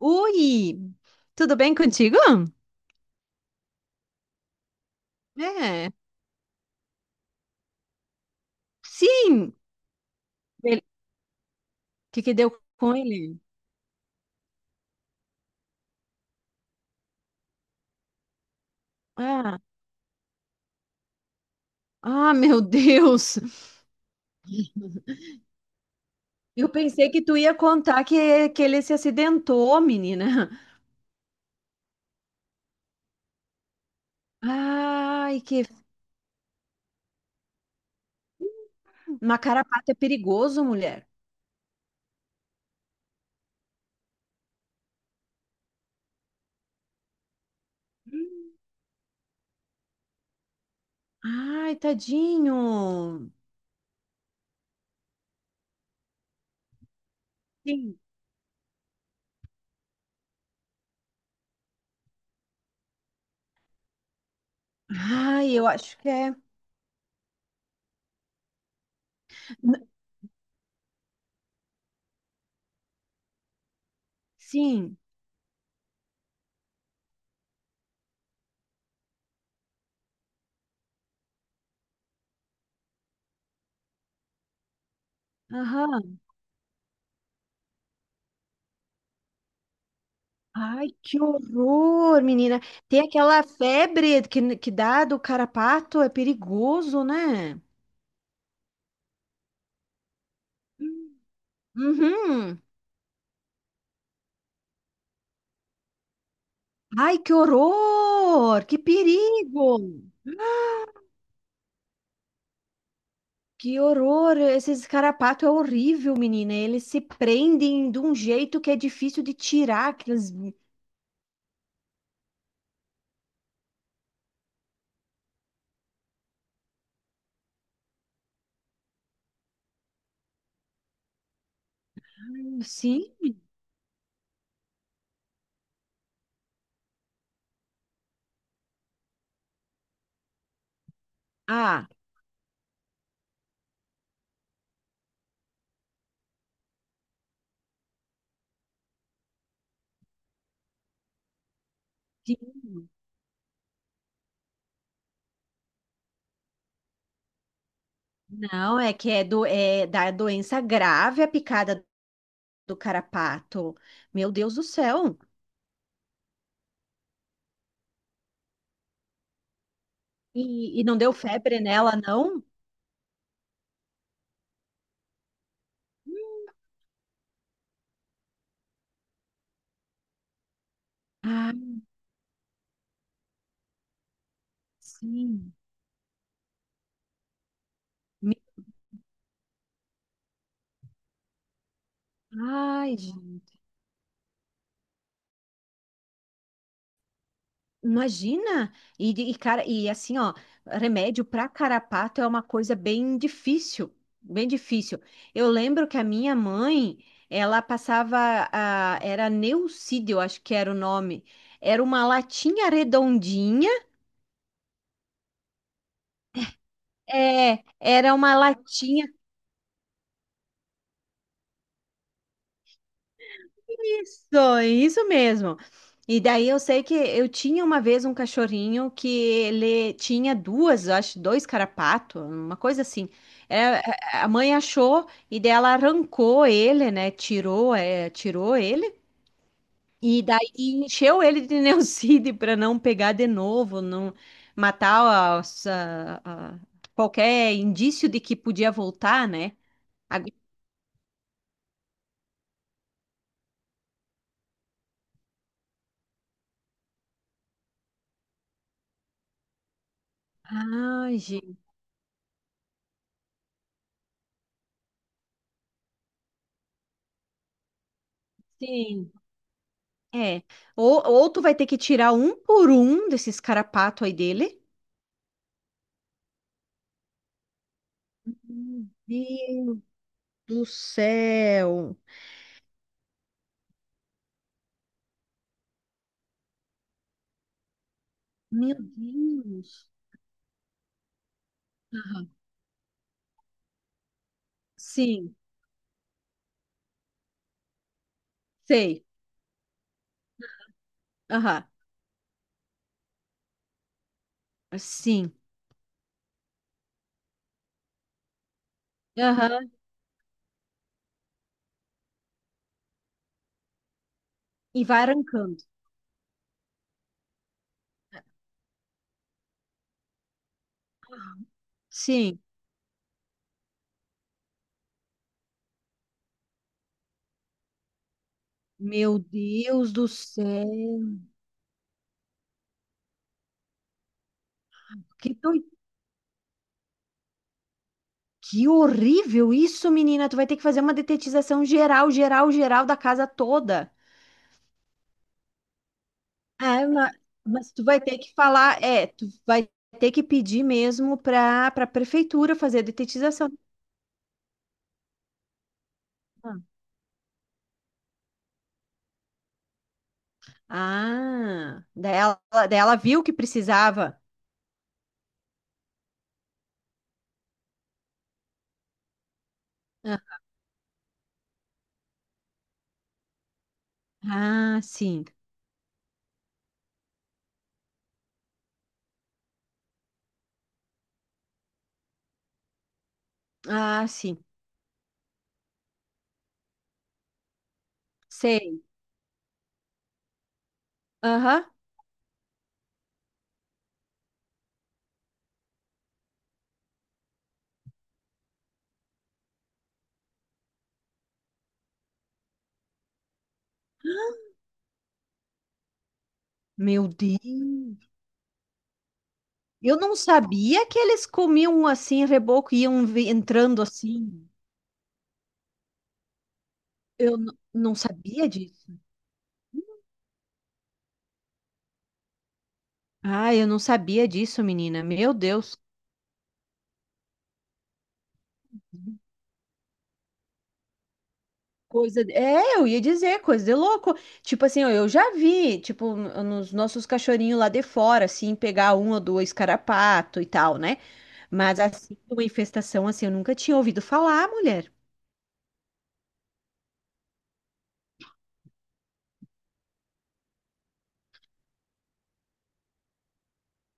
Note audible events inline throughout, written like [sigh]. Oi, tudo bem contigo? É, sim. Ele- O que que deu com ele? Ah, ah, meu Deus. Eu pensei que tu ia contar que ele se acidentou, menina. Ai, que uma carapata é perigoso, mulher. Ai, tadinho. Sim. Ai, eu acho que é. N- Sim. Aham. Ai, que horror, menina. Tem aquela febre que dá do carrapato, é perigoso, né? Uhum. Ai, que horror! Que perigo! Que horror! Esses carrapatos é horrível, menina. Eles se prendem de um jeito que é difícil de tirar. Aqueles... Sim. Ah, sim. Não, é que é, é da doença grave a picada do carrapato. Meu Deus do céu! E não deu febre nela, não? Ah, sim. Me- Ai, gente, imagina! Cara, e assim, ó, remédio para carrapato é uma coisa bem difícil, bem difícil. Eu lembro que a minha mãe, ela passava, a, era Neucídio, eu acho que era o nome. Era uma latinha redondinha, é, era uma latinha. Isso mesmo. E daí eu sei que eu tinha uma vez um cachorrinho que ele tinha duas, eu acho, dois carapatos, uma coisa assim. É, a mãe achou e daí ela arrancou ele, né? Tirou, é, tirou ele e daí encheu ele de [laughs] neucídio para não pegar de novo, não matar qualquer indício de que podia voltar, né? Agora- Ai, gente. É. Ou tu vai ter que tirar um por um desses carapatos aí dele. Meu Deus do céu. Meu Deus. Aham. Sim, sei. Aham. Sim. Aham. E vai arrancando. Sim. Meu Deus do céu. Que, doi- que horrível isso, menina. Tu vai ter que fazer uma detetização geral, geral, geral da casa toda. Ah, ma- mas tu vai ter que falar, é, tu vai ter que pedir mesmo para a prefeitura fazer a detetização. Ah, daí ela viu que precisava. Ah, ah, sim. Ah, sim. Sei. Aham. Meu Deus. Eu não sabia que eles comiam assim, reboco, e iam entrando assim. Eu não sabia disso. Ah, eu não sabia disso, menina. Meu Deus. Coisa. É, eu ia dizer, coisa de louco. Tipo assim, ó, eu já vi, tipo, nos nossos cachorrinhos lá de fora, assim, pegar um ou dois carrapato e tal, né? Mas assim, uma infestação assim, eu nunca tinha ouvido falar, mulher.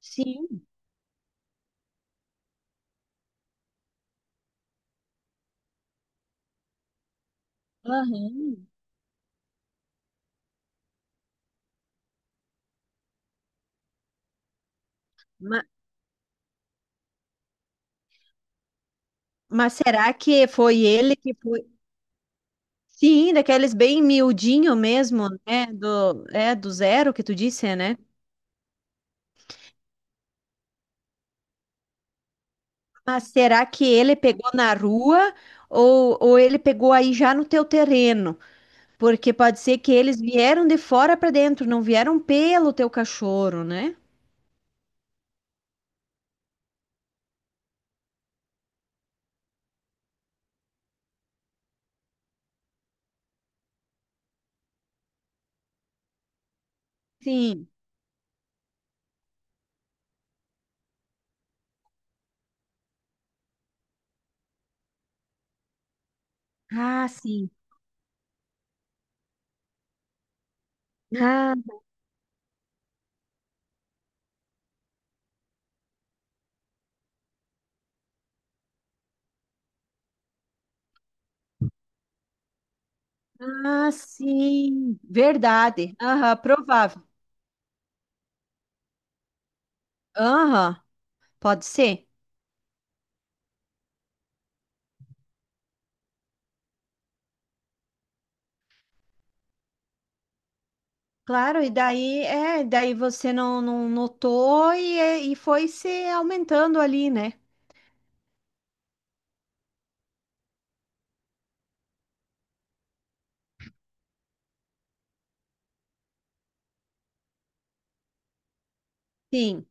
Sim. Aham. Ma- Mas, será que foi ele que foi? Sim, daqueles bem miudinho mesmo, né? Do, é, do zero que tu disse, né? Mas será que ele pegou na rua ou ele pegou aí já no teu terreno? Porque pode ser que eles vieram de fora para dentro, não vieram pelo teu cachorro, né? Sim. Ah, sim. Ah, ah, sim. Verdade. Aham, provável. Aham, pode ser. Claro, e daí, é, daí você não, não notou e, e foi se aumentando ali, né? Sim,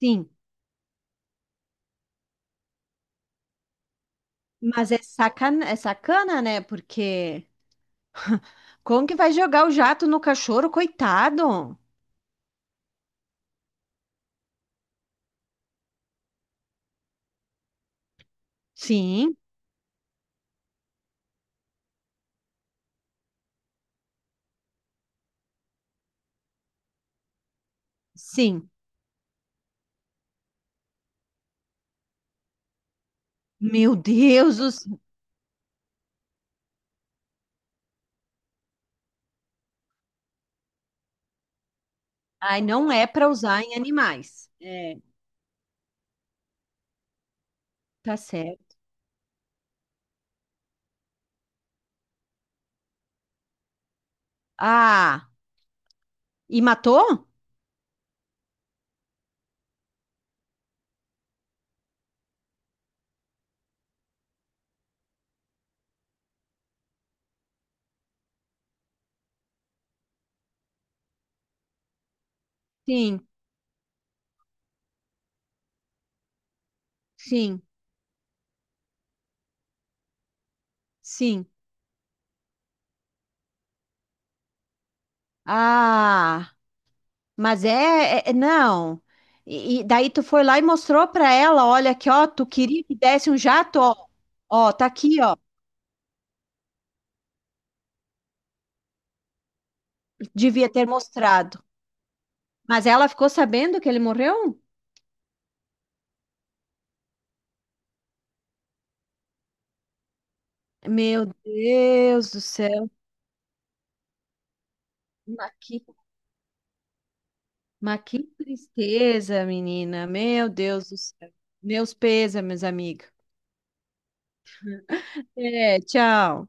sim. Mas é sacana, né? Porque como que vai jogar o jato no cachorro, coitado? Sim, sim. Meu Deus. Ai, não é para usar em animais. É. Tá certo. Ah, e matou? Sim, sim, sim. Ah, mas é, não. E daí tu foi lá e mostrou para ela, olha aqui, ó, tu queria que desse um jato, ó. Ó, tá aqui, ó. Devia ter mostrado. Mas ela ficou sabendo que ele morreu? Meu Deus do céu. Mas que, mas que tristeza, menina. Meu Deus do céu. Meus pêsames, amiga. Até. Tchau.